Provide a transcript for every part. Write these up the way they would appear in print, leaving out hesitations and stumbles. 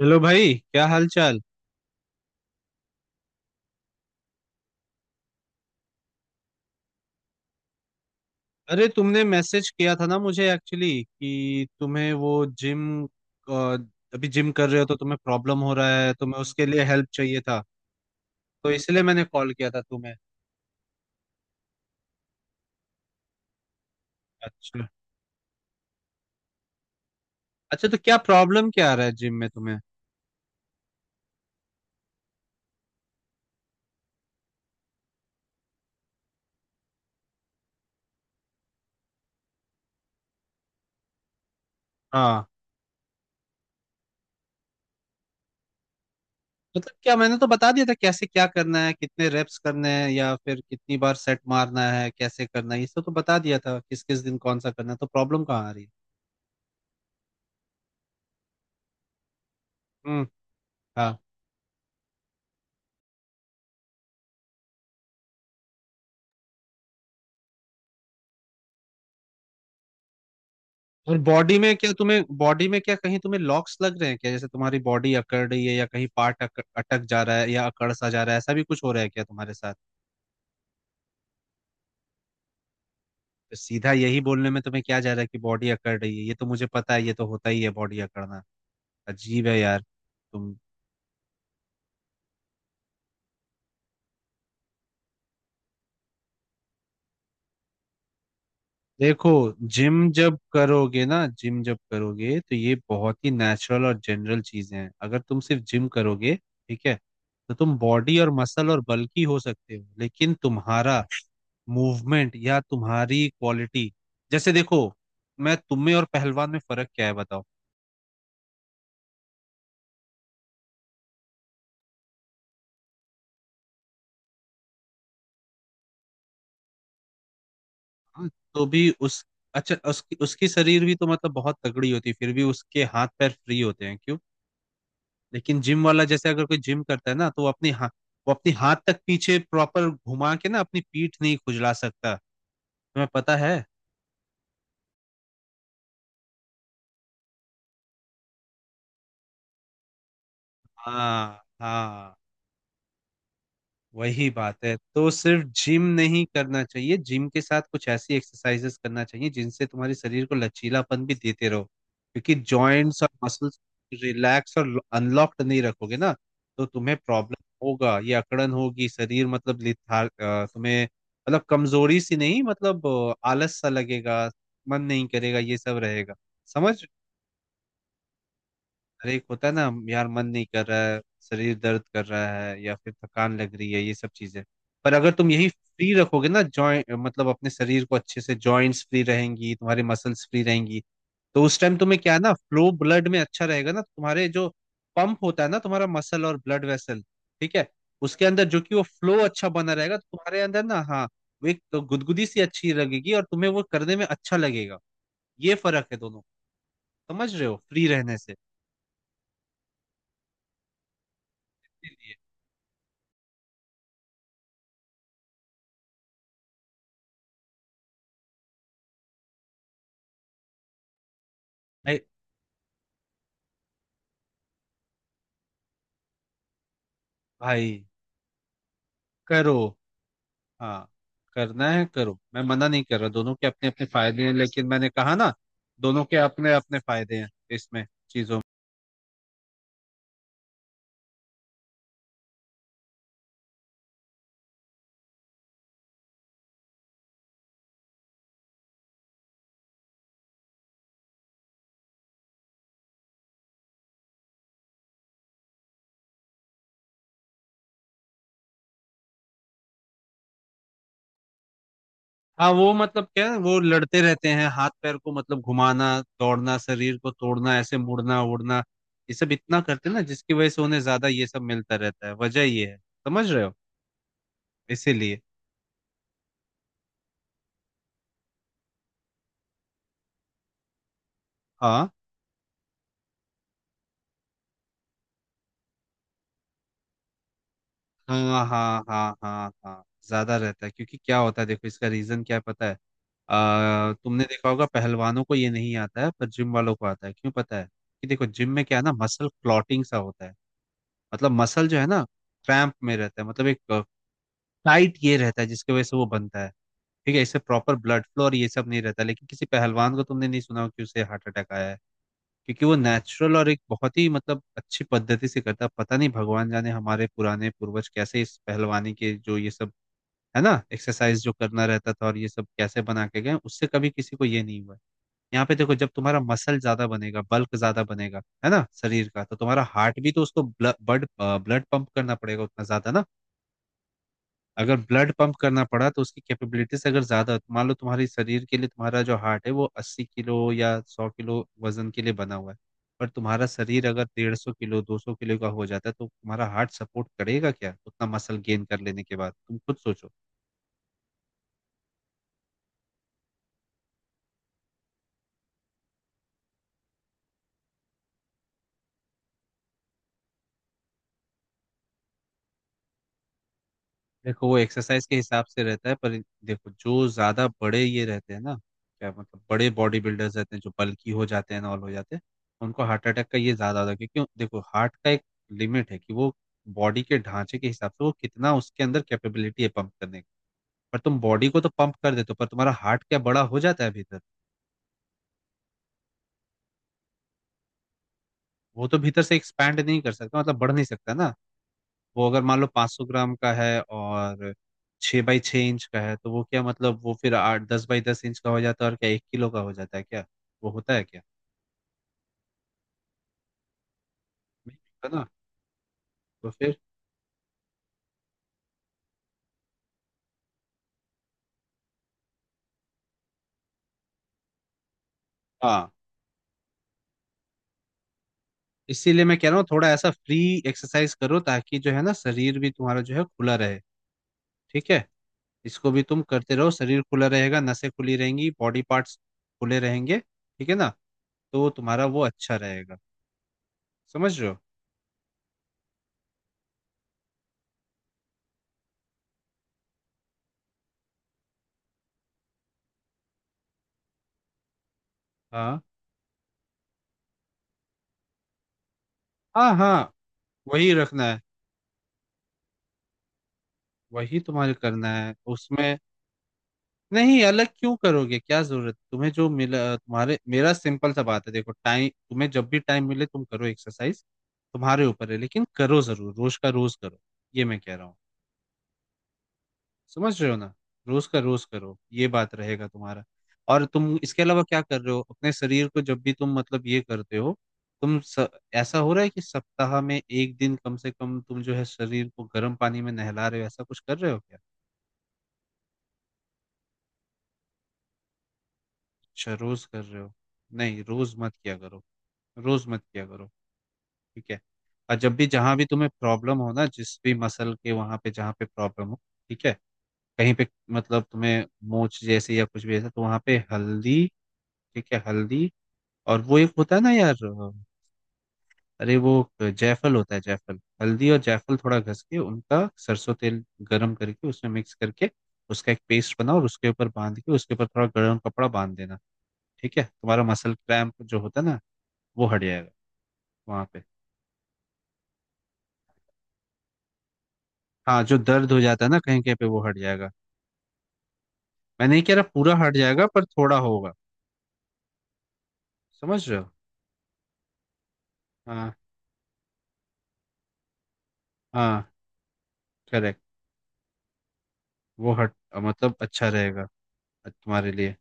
Hello भाई, क्या हाल चाल। अरे तुमने मैसेज किया था ना मुझे एक्चुअली कि तुम्हें वो जिम अभी जिम कर रहे हो तो तुम्हें प्रॉब्लम हो रहा है, तुम्हें उसके लिए हेल्प चाहिए था, तो इसलिए मैंने कॉल किया था तुम्हें। अच्छा। अच्छा, तो क्या प्रॉब्लम क्या आ रहा है जिम में तुम्हें? हाँ। मतलब क्या, मैंने तो बता दिया था कैसे क्या करना है, कितने रेप्स करने हैं या फिर कितनी बार सेट मारना है, कैसे करना है ये सब तो बता दिया था, किस किस दिन कौन सा करना है, तो प्रॉब्लम कहाँ आ रही है? हम्म। हाँ। और बॉडी में क्या, तुम्हें बॉडी में क्या कहीं तुम्हें लॉक्स लग रहे हैं क्या, जैसे तुम्हारी बॉडी अकड़ रही है या कहीं पार्ट अटक जा रहा है या अकड़ सा जा रहा है, ऐसा भी कुछ हो रहा है क्या तुम्हारे साथ? तो सीधा यही बोलने में तुम्हें क्या जा रहा है कि बॉडी अकड़ रही है, ये तो मुझे पता है, ये तो होता ही है बॉडी अकड़ना। अजीब है यार। तुम देखो, जिम जब करोगे ना, जिम जब करोगे तो ये बहुत ही नेचुरल और जनरल चीजें हैं। अगर तुम सिर्फ जिम करोगे, ठीक है, तो तुम बॉडी और मसल और बल्की हो सकते हो लेकिन तुम्हारा मूवमेंट या तुम्हारी क्वालिटी, जैसे देखो, मैं तुम में और पहलवान में फर्क क्या है बताओ। हाँ, तो भी उस, अच्छा उसकी उसकी शरीर भी तो मतलब बहुत तगड़ी होती है, फिर भी उसके हाथ पैर फ्री होते हैं क्यों? लेकिन जिम वाला, जैसे अगर कोई जिम करता है ना, तो वो अपनी हाथ, वो अपनी हाथ तक पीछे प्रॉपर घुमा के ना अपनी पीठ नहीं खुजला सकता, तुम्हें पता है? हाँ हाँ। वही बात है, तो सिर्फ जिम नहीं करना चाहिए, जिम के साथ कुछ ऐसी एक्सरसाइजेस करना चाहिए जिनसे तुम्हारे शरीर को लचीलापन भी देते रहो, क्योंकि जॉइंट्स और मसल्स रिलैक्स और अनलॉक्ड नहीं रखोगे ना, तो तुम्हें प्रॉब्लम होगा, ये अकड़न होगी, शरीर मतलब तुम्हें मतलब कमजोरी सी नहीं, मतलब आलस सा लगेगा, मन नहीं करेगा, ये सब रहेगा। समझ। अरे एक होता है ना यार, मन नहीं कर रहा है, शरीर दर्द कर रहा है या फिर थकान लग रही है, ये सब चीजें। पर अगर तुम यही फ्री रखोगे ना जॉइंट, मतलब अपने शरीर को अच्छे से, जॉइंट्स फ्री रहेंगी, तुम्हारे मसल्स फ्री रहेंगी, तो उस टाइम तुम्हें क्या है ना, फ्लो ब्लड में अच्छा रहेगा ना, तुम्हारे जो पंप होता है ना तुम्हारा मसल और ब्लड वेसल, ठीक है, उसके अंदर जो कि वो फ्लो अच्छा बना रहेगा, तो तुम्हारे अंदर ना, हाँ वो एक तो गुदगुदी सी अच्छी लगेगी और तुम्हें वो करने में अच्छा लगेगा। ये फर्क है दोनों, समझ रहे हो, फ्री रहने से। इसीलिए भाई, भाई करो। हाँ करना है करो, मैं मना नहीं कर रहा, दोनों के अपने अपने फायदे हैं, लेकिन मैंने कहा ना दोनों के अपने अपने फायदे हैं इसमें चीजों में। हाँ वो मतलब क्या है, वो लड़ते रहते हैं, हाथ पैर को मतलब घुमाना, दौड़ना, शरीर को तोड़ना, ऐसे मुड़ना उड़ना, ये सब इतना करते हैं ना जिसकी वजह से उन्हें ज्यादा ये सब मिलता रहता है, वजह ये है, समझ रहे हो? इसीलिए। हाँ हाँ हाँ हाँ हाँ, हाँ ज्यादा रहता है, क्योंकि क्या होता है देखो, इसका रीजन क्या है पता है? तुमने देखा होगा, पहलवानों को ये नहीं आता है पर जिम वालों को आता है, क्यों पता है? कि देखो जिम में क्या है ना, मसल क्लॉटिंग सा होता है, मतलब मसल जो है ना क्रैम्प में रहता है, मतलब एक टाइट ये रहता है, जिसकी वजह से वो बनता है, ठीक है। इससे प्रॉपर ब्लड फ्लो और ये सब नहीं रहता, लेकिन किसी पहलवान को तुमने नहीं सुना हो कि उसे हार्ट अटैक आया है, क्योंकि वो नेचुरल और एक बहुत ही मतलब अच्छी पद्धति से करता है। पता नहीं, भगवान जाने, हमारे पुराने पूर्वज कैसे इस पहलवानी के जो ये सब है ना, एक्सरसाइज जो करना रहता था और ये सब कैसे बना के गए, उससे कभी किसी को ये नहीं हुआ है। यहाँ पे देखो, जब तुम्हारा मसल ज्यादा बनेगा, बल्क ज्यादा बनेगा है ना शरीर का, तो तुम्हारा हार्ट भी तो उसको ब्लड ब्लड पंप करना पड़ेगा उतना ज्यादा ना। अगर ब्लड पंप करना पड़ा तो उसकी कैपेबिलिटीज, अगर ज्यादा, तो मान लो तुम्हारे शरीर के लिए तुम्हारा जो हार्ट है वो 80 किलो या 100 किलो वजन के लिए बना हुआ है, पर तुम्हारा शरीर अगर 150 किलो, 200 किलो का हो जाता है, तो तुम्हारा हार्ट सपोर्ट करेगा क्या उतना मसल गेन कर लेने के बाद? तुम खुद सोचो। देखो वो एक्सरसाइज के हिसाब से रहता है, पर देखो जो ज्यादा बड़े ये रहते हैं ना, क्या मतलब बड़े बॉडी बिल्डर्स रहते हैं जो बल्की हो जाते हैं ना, ऑल हो जाते हैं, उनको हार्ट अटैक का ये ज्यादा होता है, क्योंकि देखो हार्ट का एक लिमिट है कि वो बॉडी के ढांचे के हिसाब से वो कितना, उसके अंदर कैपेबिलिटी है पंप करने की। पर तुम बॉडी को तो पंप कर देते हो, पर तुम्हारा हार्ट क्या बड़ा हो जाता है भीतर? वो तो भीतर से एक्सपैंड नहीं कर सकता, मतलब बढ़ नहीं सकता ना। वो अगर मान लो 500 ग्राम का है और 6 बाई 6 इंच का है, तो वो क्या, मतलब वो फिर आठ दस बाई दस इंच का हो जाता है और क्या 1 किलो का हो जाता है क्या? वो होता है क्या? नहीं होता ना। तो फिर। हाँ इसीलिए मैं कह रहा हूँ थोड़ा ऐसा फ्री एक्सरसाइज करो ताकि जो है ना शरीर भी तुम्हारा जो है खुला रहे, ठीक है। इसको भी तुम करते रहो, शरीर खुला रहेगा, नसें खुली रहेंगी, बॉडी पार्ट्स खुले रहेंगे, ठीक है ना, तो तुम्हारा वो अच्छा रहेगा, समझ रहे हो? हाँ हाँ हाँ। वही रखना है, वही तुम्हारे करना है उसमें। नहीं अलग क्यों करोगे, क्या जरूरत, तुम्हें जो मिला तुम्हारे, मेरा सिंपल सा बात है देखो, टाइम तुम्हें जब भी टाइम मिले तुम करो एक्सरसाइज, तुम्हारे ऊपर है, लेकिन करो जरूर, रोज का रोज करो, ये मैं कह रहा हूँ। समझ रहे हो ना, रोज का रोज करो, ये बात रहेगा तुम्हारा। और तुम इसके अलावा क्या कर रहे हो अपने शरीर को, जब भी तुम मतलब ये करते हो, तुम स, ऐसा हो रहा है कि सप्ताह में एक दिन कम से कम तुम जो है शरीर को गर्म पानी में नहला रहे हो, ऐसा कुछ कर रहे हो क्या? अच्छा रोज कर रहे हो। नहीं रोज मत किया करो, रोज मत किया करो, ठीक है। और जब भी जहां भी तुम्हें प्रॉब्लम हो ना, जिस भी मसल के वहां पे जहां पे प्रॉब्लम हो, ठीक है, कहीं पे मतलब तुम्हें मोच जैसी या कुछ भी ऐसा, तो वहां पे हल्दी, ठीक है, हल्दी, और वो एक होता है ना यार, अरे वो जायफल होता है, जायफल। हल्दी और जायफल थोड़ा घस के, उनका सरसों तेल गरम करके उसमें मिक्स करके उसका एक पेस्ट बनाओ और उसके ऊपर बांध के, उसके ऊपर थोड़ा गर्म कपड़ा बांध देना, ठीक है। तुम्हारा मसल क्रैम्प जो होता है ना, वो हट जाएगा वहां पे। हाँ जो दर्द हो जाता है ना कहीं कहीं पे, वो हट जाएगा। मैं नहीं कह रहा पूरा हट जाएगा, पर थोड़ा होगा। समझ रहे हो? हाँ हाँ, करेक्ट, वो हट मतलब अच्छा रहेगा तुम्हारे लिए।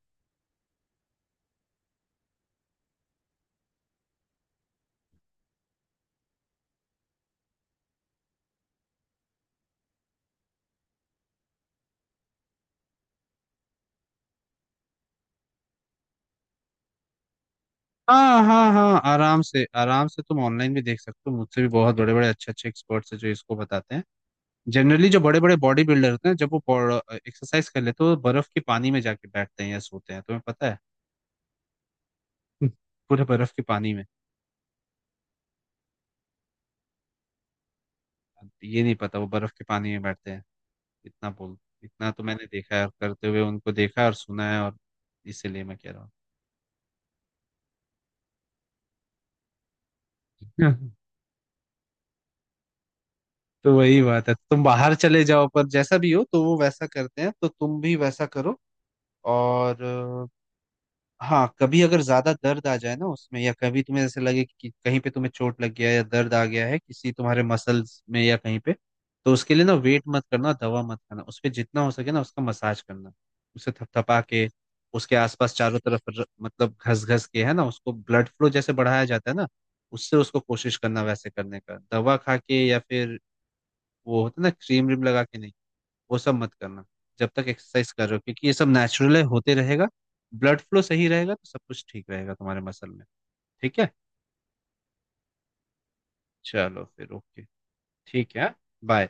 हाँ हाँ हाँ, आराम से, आराम से तुम ऑनलाइन भी देख सकते हो, मुझसे भी बहुत बड़े बड़े अच्छे अच्छे एक्सपर्ट्स हैं जो इसको बताते हैं। जनरली जो बड़े बड़े बॉडी बिल्डर होते हैं, जब वो एक्सरसाइज कर लेते हैं तो बर्फ के पानी में जाके बैठते हैं या सोते हैं, तुम्हें पता है? पूरे बर्फ के पानी में। ये नहीं पता, वो बर्फ के पानी में बैठते हैं, इतना बोल, इतना तो मैंने देखा है और करते हुए उनको देखा और सुना है, और इसीलिए मैं कह रहा हूँ। तो वही बात है, तुम बाहर चले जाओ, पर जैसा भी हो, तो वो वैसा करते हैं तो तुम भी वैसा करो। और हाँ कभी अगर ज्यादा दर्द आ जाए ना उसमें, या कभी तुम्हें ऐसे लगे कि कहीं पे तुम्हें चोट लग गया है या दर्द आ गया है किसी तुम्हारे मसल्स में या कहीं पे, तो उसके लिए ना वेट मत करना, दवा मत खाना, उस पे जितना हो सके ना उसका मसाज करना, उसे थपथपा के, उसके आसपास चारों तरफ मतलब घस घस के है ना, उसको ब्लड फ्लो जैसे बढ़ाया जाता है ना, उससे उसको कोशिश करना वैसे करने का, दवा खा के या फिर वो होता है ना क्रीम व्रीम लगा के नहीं, वो सब मत करना जब तक एक्सरसाइज कर रहे हो, क्योंकि ये सब नेचुरल होते रहेगा, ब्लड फ्लो सही रहेगा तो सब कुछ ठीक रहेगा तुम्हारे मसल में, ठीक है। चलो फिर ओके, ठीक है, बाय।